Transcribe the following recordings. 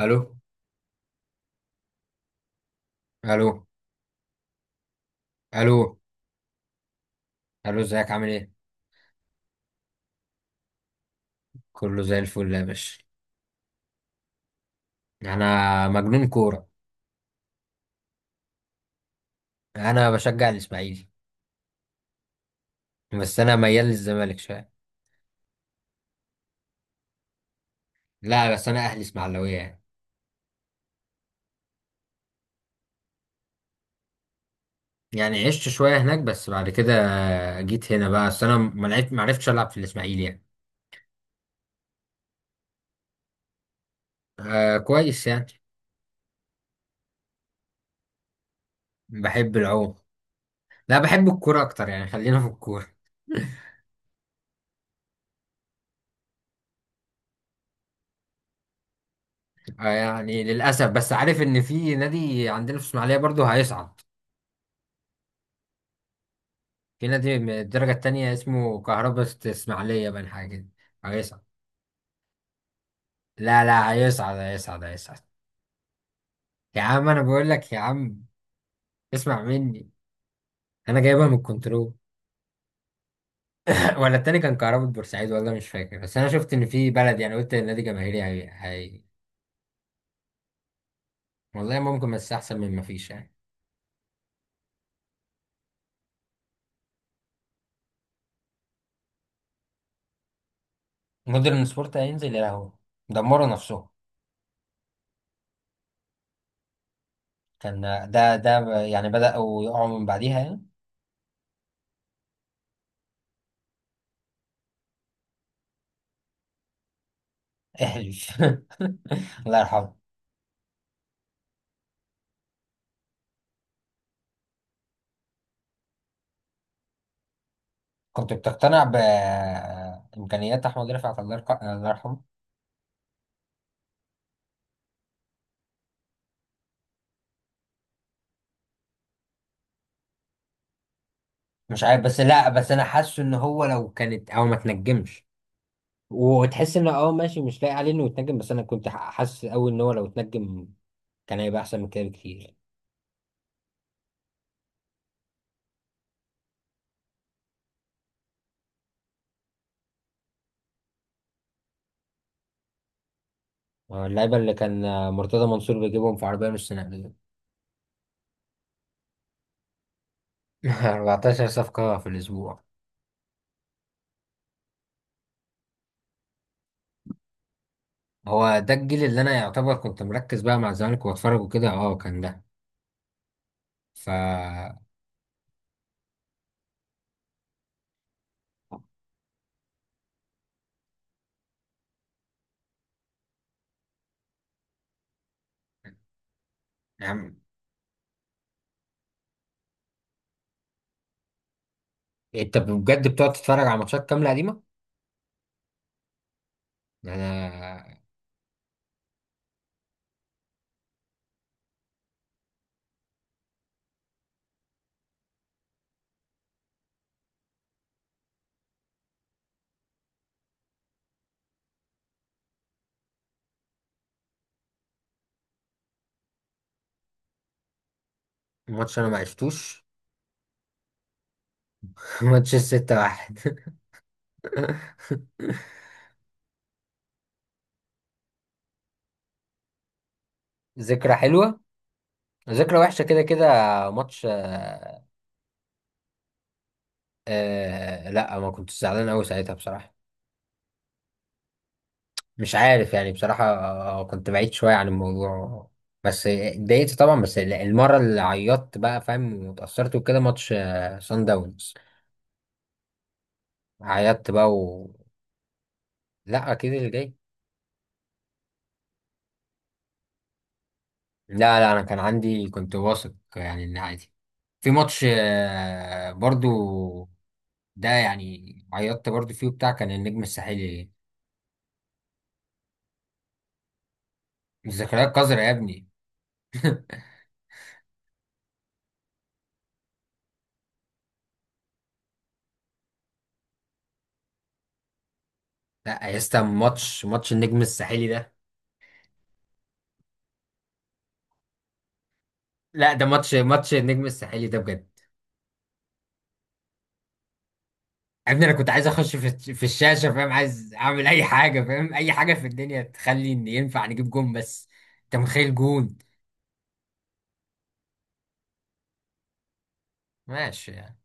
الو. الو. الو. الو، ازيك؟ عامل ايه؟ كله زي الفل يا باشا. انا مجنون كوره. انا بشجع الاسماعيلي، بس انا ميال للزمالك شويه. لا بس انا اهلي اسماعيلاويه يعني. يعني عشت شويه هناك بس بعد كده جيت هنا بقى، بس انا ما لعبت، ما عرفتش العب في الاسماعيلي يعني. آه كويس يعني. بحب العوم. لا بحب الكوره اكتر يعني، خلينا في الكوره. آه يعني للاسف، بس عارف ان في نادي عندنا في اسماعيليه برضو هيصعد. في نادي من الدرجة التانية اسمه كهرباء اسماعيلية بقى، حاجة كده. هيصعد. لا لا، هيصعد هيصعد هيصعد. يا عم أنا بقول لك يا عم، اسمع مني. أنا جايبها من الكنترول. ولا التاني كان كهرباء بورسعيد، ولا مش فاكر، بس أنا شفت إن في بلد يعني، قلت النادي جماهيري. والله ممكن، بس أحسن من ما فيش يعني. مودرن سبورت هينزل، يا لهوي، دمروا نفسهم. كان، ده يعني بدأوا يقعوا من بعديها يعني. احلف. الله يرحمه. كنت بتقتنع بإمكانيات أحمد رفعت، الله يرحمه. مش عارف بس لا بس أنا حاسه إن هو لو كانت أو ما تنجمش وتحس إن أه ماشي مش لاقي عليه إنه يتنجم، بس أنا كنت حاسس أوي إن هو لو اتنجم كان هيبقى أحسن من كده بكتير. آه، اللعيبة اللي كان، آه، مرتضى منصور بيجيبهم في عربية نص نقل. 14 صفقة في الأسبوع. هو ده الجيل اللي أنا يعتبر كنت مركز بقى مع الزمالك وأتفرج وكده، أه كان ده. ف يعني أنت بجد بتقعد تتفرج على ماتشات كاملة قديمة؟ انا. ماتش انا ما عشتوش. ماتش الستة واحد. ذكرى حلوة، ذكرى وحشة كده كده. ماتش آه. آه لا، ما كنت زعلان أوي ساعتها بصراحة. مش عارف يعني بصراحة، آه، كنت بعيد شوية عن الموضوع، بس اتضايقت طبعا. بس المرة اللي عيطت بقى فاهم واتأثرت وكده، ماتش آه سان داونز. عيطت بقى، لا أكيد اللي جاي. لا لا، أنا كان عندي، كنت واثق يعني إن عادي. في ماتش آه برضو ده، يعني عيطت برضو فيه، بتاع كان النجم الساحلي. ذكريات قذرة يا ابني. لا يا اسطى، ماتش النجم الساحلي ده. لا ده ماتش النجم الساحلي ده بجد. يا ابني انا كنت عايز اخش في الشاشة، فاهم؟ عايز اعمل اي حاجة، فاهم؟ اي حاجة في الدنيا تخلي ان ينفع نجيب جون بس. انت متخيل جون. ماشي يعني.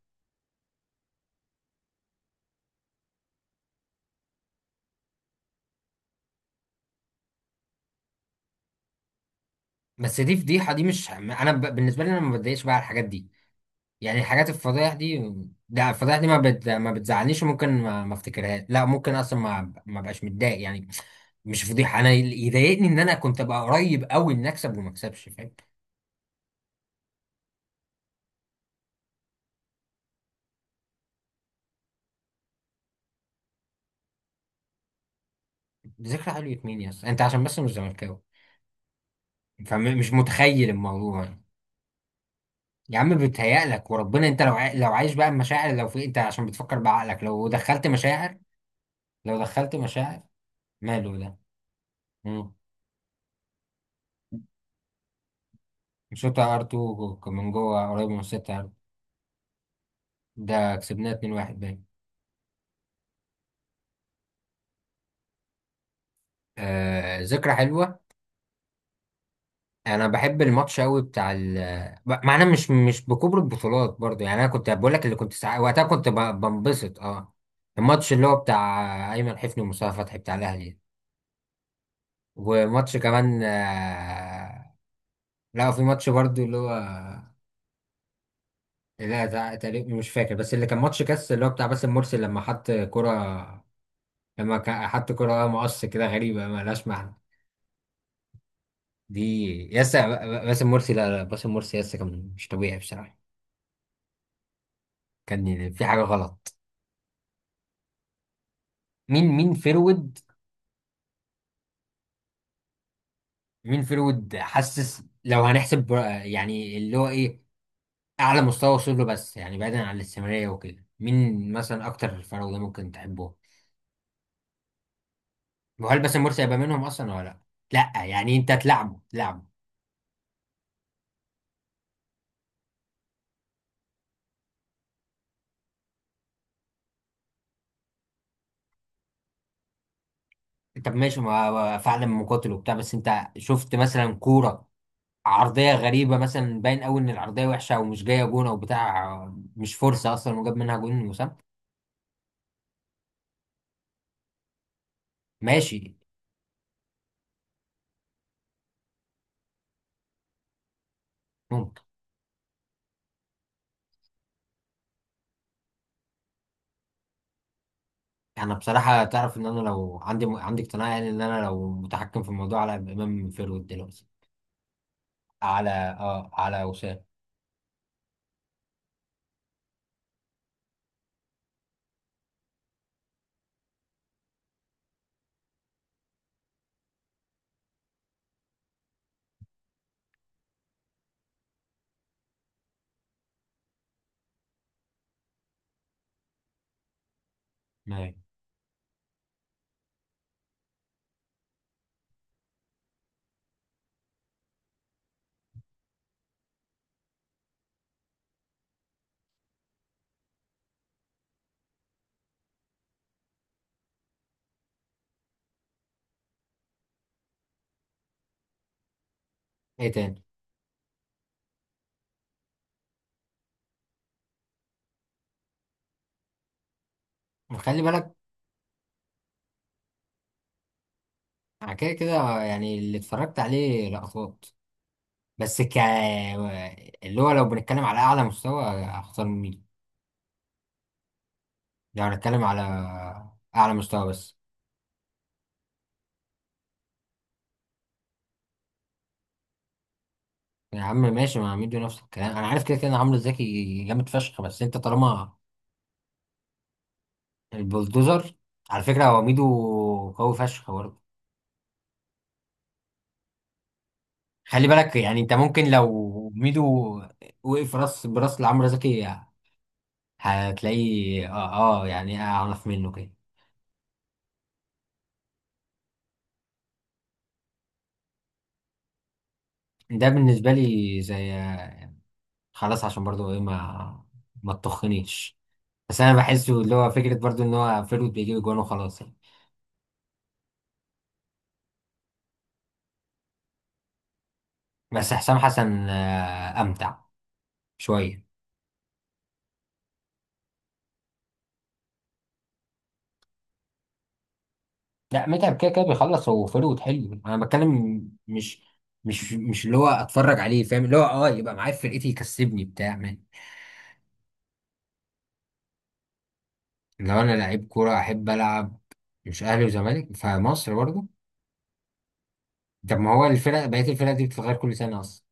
بس دي فضيحة دي، مش انا بالنسبة لي انا ما بتضايقش بقى على الحاجات دي. يعني الحاجات الفضايح دي، ده الفضايح دي ما بتزعلنيش، وممكن ما افتكرهاش، لا ممكن اصلا ما بقاش متضايق يعني. مش فضيحه. انا اللي يضايقني ان انا كنت ابقى قريب قوي ان اكسب وما اكسبش، فاهم؟ ذكرى حلوة مين يا اسطى، انت عشان بس مش زملكاوي فمش متخيل الموضوع يعني. يا عم بيتهيألك وربنا، انت لو لو عايش بقى المشاعر، لو في انت عشان بتفكر بعقلك، لو دخلت مشاعر، لو دخلت مشاعر. ماله ده؟ مم. شوطة ار 2 من جوه قريب من 6 ار. ده كسبناه 2-1 باين. آه ذكرى حلوة. انا بحب الماتش قوي بتاع مع انا مش بكبر البطولات برضو يعني، انا كنت بقول لك اللي كنت وقتها كنت بنبسط اه. الماتش اللي هو بتاع ايمن حفني ومصطفى فتحي بتاع الاهلي. وماتش كمان آه. لا في ماتش برضو اللي هو، لا تقريبا مش فاكر، بس اللي كان ماتش كاس اللي هو بتاع باسم مرسي لما حط كرة، لما حط كرة مقص كده غريبة ما لهاش معنى. دي ياسا. باسم مرسي، لا لا، باسم مرسي ياسا كان مش طبيعي بصراحة. كان في حاجة غلط. مين فيرود. مين فيرود حاسس لو هنحسب يعني اللي هو ايه اعلى مستوى وصل له، بس يعني بعيدا عن الاستمراريه وكده، مين مثلا اكتر فروضه ممكن تحبه؟ وهل باسم مرسي هيبقى منهم اصلا ولا؟ لا لا يعني انت تلعبه تلعبه. طب ماشي، ما ما فعلا مقاتل وبتاع، بس انت شفت مثلا كوره عرضيه غريبه مثلا باين قوي ان العرضيه وحشه او مش جايه جون او بتاع، مش فرصه اصلا وجاب منها جون وسام؟ ماشي. انا بصراحه تعرف ان انا لو عندي اقتناع يعني، ان انا لو متحكم في الموضوع على امام فيرود دلوقتي على، اه، على وسام. نعم. ايه تاني؟ خلي بالك. انا كده كده يعني اللي اتفرجت عليه لقطات، بس ك اللي هو لو بنتكلم على اعلى مستوى اختار مين، لو هنتكلم على اعلى مستوى بس. يا عم ماشي، ما ميدو نفس الكلام، انا عارف كده كده ان عمرو الزكي جامد فشخ، بس انت طالما البولدوزر. على فكره هو ميدو قوي فشخ برضه. خلي بالك، يعني انت ممكن لو ميدو وقف راس براس لعمرو زكي هتلاقيه اه، آه يعني اعرف منه كده. ده بالنسبه لي زي، خلاص عشان برضو ايه، ما تطخنيش، بس انا بحسه اللي هو فكره برضو ان هو فيرود بيجيب جوان وخلاص يعني. بس حسام حسن آه امتع شويه. لا متعب كده كده بيخلص، هو فيرود حلو انا بتكلم، مش، مش اللي هو اتفرج عليه، فاهم؟ اللي هو اه يبقى معايا في فرقتي يكسبني بتاع. لو انا لعيب كوره احب العب مش اهلي وزمالك فمصر برضه. طب ما هو الفرق، بقيه الفرق دي بتتغير كل سنه اصلا.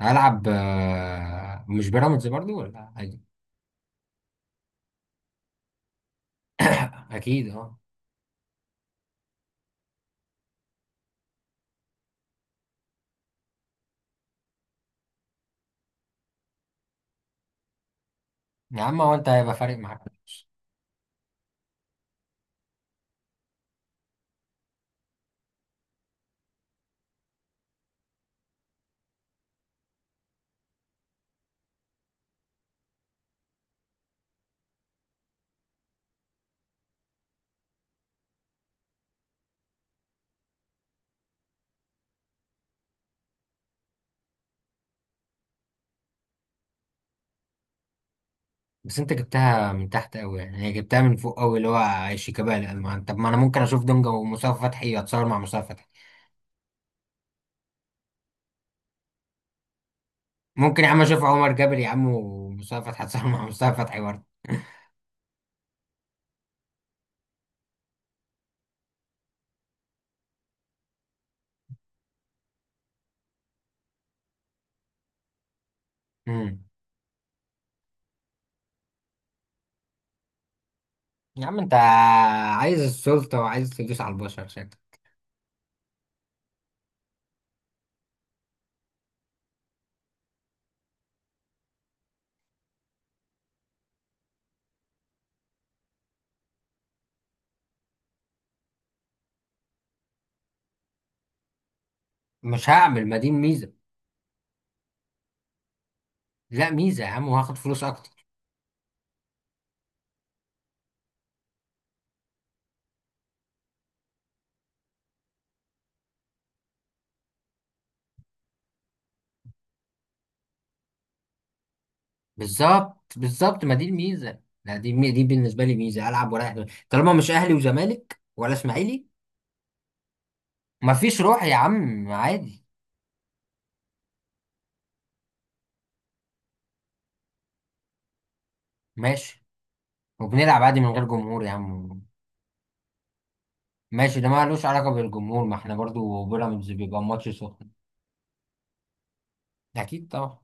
هلعب آه، مش بيراميدز برضه ولا عادي؟ اكيد اه. يا عم هو انت هيبقى فارق معاك فلوس. بس انت جبتها من تحت قوي، يعني هي جبتها من فوق قوي اللي هو شيكابالا، ما انت، طب ما انا ممكن اشوف دونجا ومصطفى فتحي اتصور مع مصطفى فتحي. ممكن يا عم اشوف عمر جابر يا عم، ومصطفى فتحي اتصور مع مصطفى فتحي برضه. امم. يا عم انت عايز السلطه وعايز تدوس على البشر شكلك. مش هعمل، ما دي الميزه. لا ميزه يا عم، وهاخد فلوس اكتر. بالظبط بالظبط، ما دي الميزه، لا دي بالنسبه لي ميزه، العب ورايح دماغي. طالما مش اهلي وزمالك ولا اسماعيلي. مفيش روح يا عم، عادي. ماشي. وبنلعب عادي من غير جمهور يا عم. ماشي، ده ما لوش علاقه بالجمهور، ما احنا برضو بيراميدز بيبقى ماتش سخن. اكيد طبعا.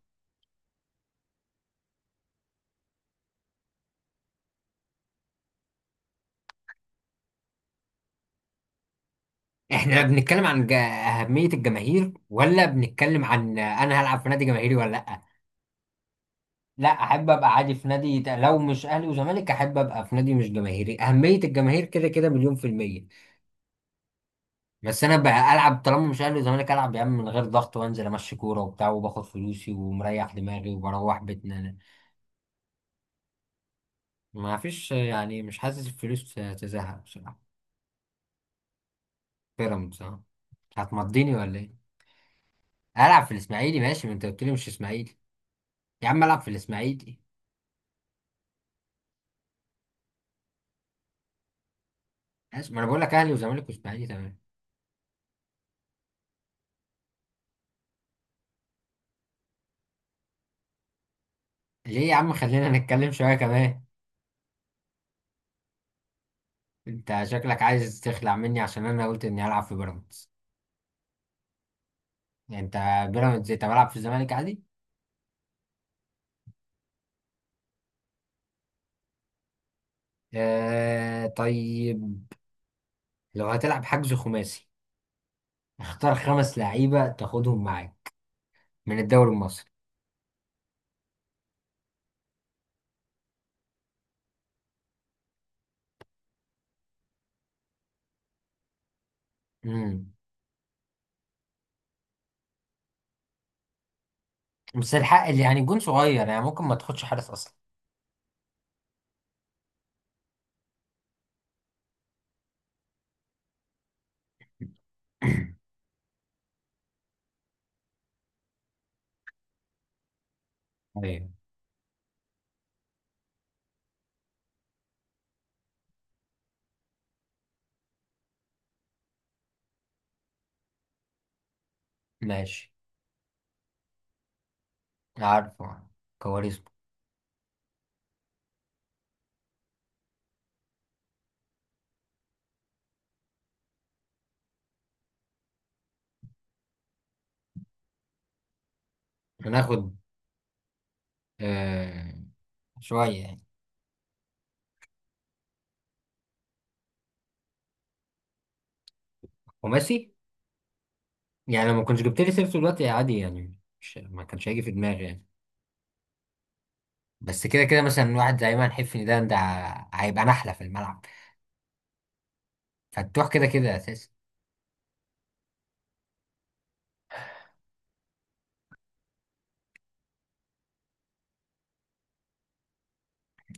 احنا بنتكلم عن اهميه الجماهير، ولا بنتكلم عن انا هلعب في نادي جماهيري ولا لا؟ لا، احب ابقى عادي في نادي لو مش اهلي وزمالك احب ابقى في نادي مش جماهيري، اهميه الجماهير كده كده مليون في الميه. بس انا بقى العب طالما مش اهلي وزمالك، العب يا عم من غير ضغط وانزل امشي كوره وبتاع، وباخد فلوسي ومريح دماغي وبروح بيتنا انا. ما فيش يعني، مش حاسس الفلوس تزهق بصراحه. بيراميدز اه. هتمضيني ولا ايه؟ العب في الاسماعيلي، ماشي ما انت قلت لي مش اسماعيلي. يا عم العب في الاسماعيلي. ماشي، ما انا بقول لك اهلي وزمالك واسماعيلي تمام. ليه يا عم؟ خلينا نتكلم شويه كمان. انت شكلك عايز تخلع مني عشان انا قلت اني هلعب في بيراميدز. يعني انت بيراميدز، انت بلعب في الزمالك عادي. آه طيب. لو هتلعب حجز خماسي اختار خمس لعيبه تاخدهم معاك من الدوري المصري. امم. بس الحق اللي يعني جون صغير يعني ممكن ما تاخدش حارس اصلا. ايوه. ماشي. عارفه، كواريسما. هناخد، آه، شويه يعني. خماسي، يعني لو ما كنتش جبت لي سيرته دلوقتي عادي يعني، مش ما كانش هيجي في دماغي يعني. بس كده كده مثلا واحد زي ايمن حفني، ده هيبقى نحله في الملعب. فتروح كده كده اساسي.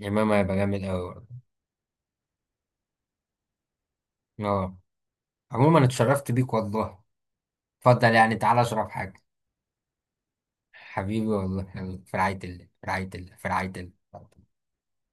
امام هيبقى جامد قوي برضه. اه. عموما اتشرفت بيك والله. اتفضل يعني، تعالى اشرب حاجه. حبيبي والله، يلا، في رعايه الله، في رعايه الله، في رعايه الله.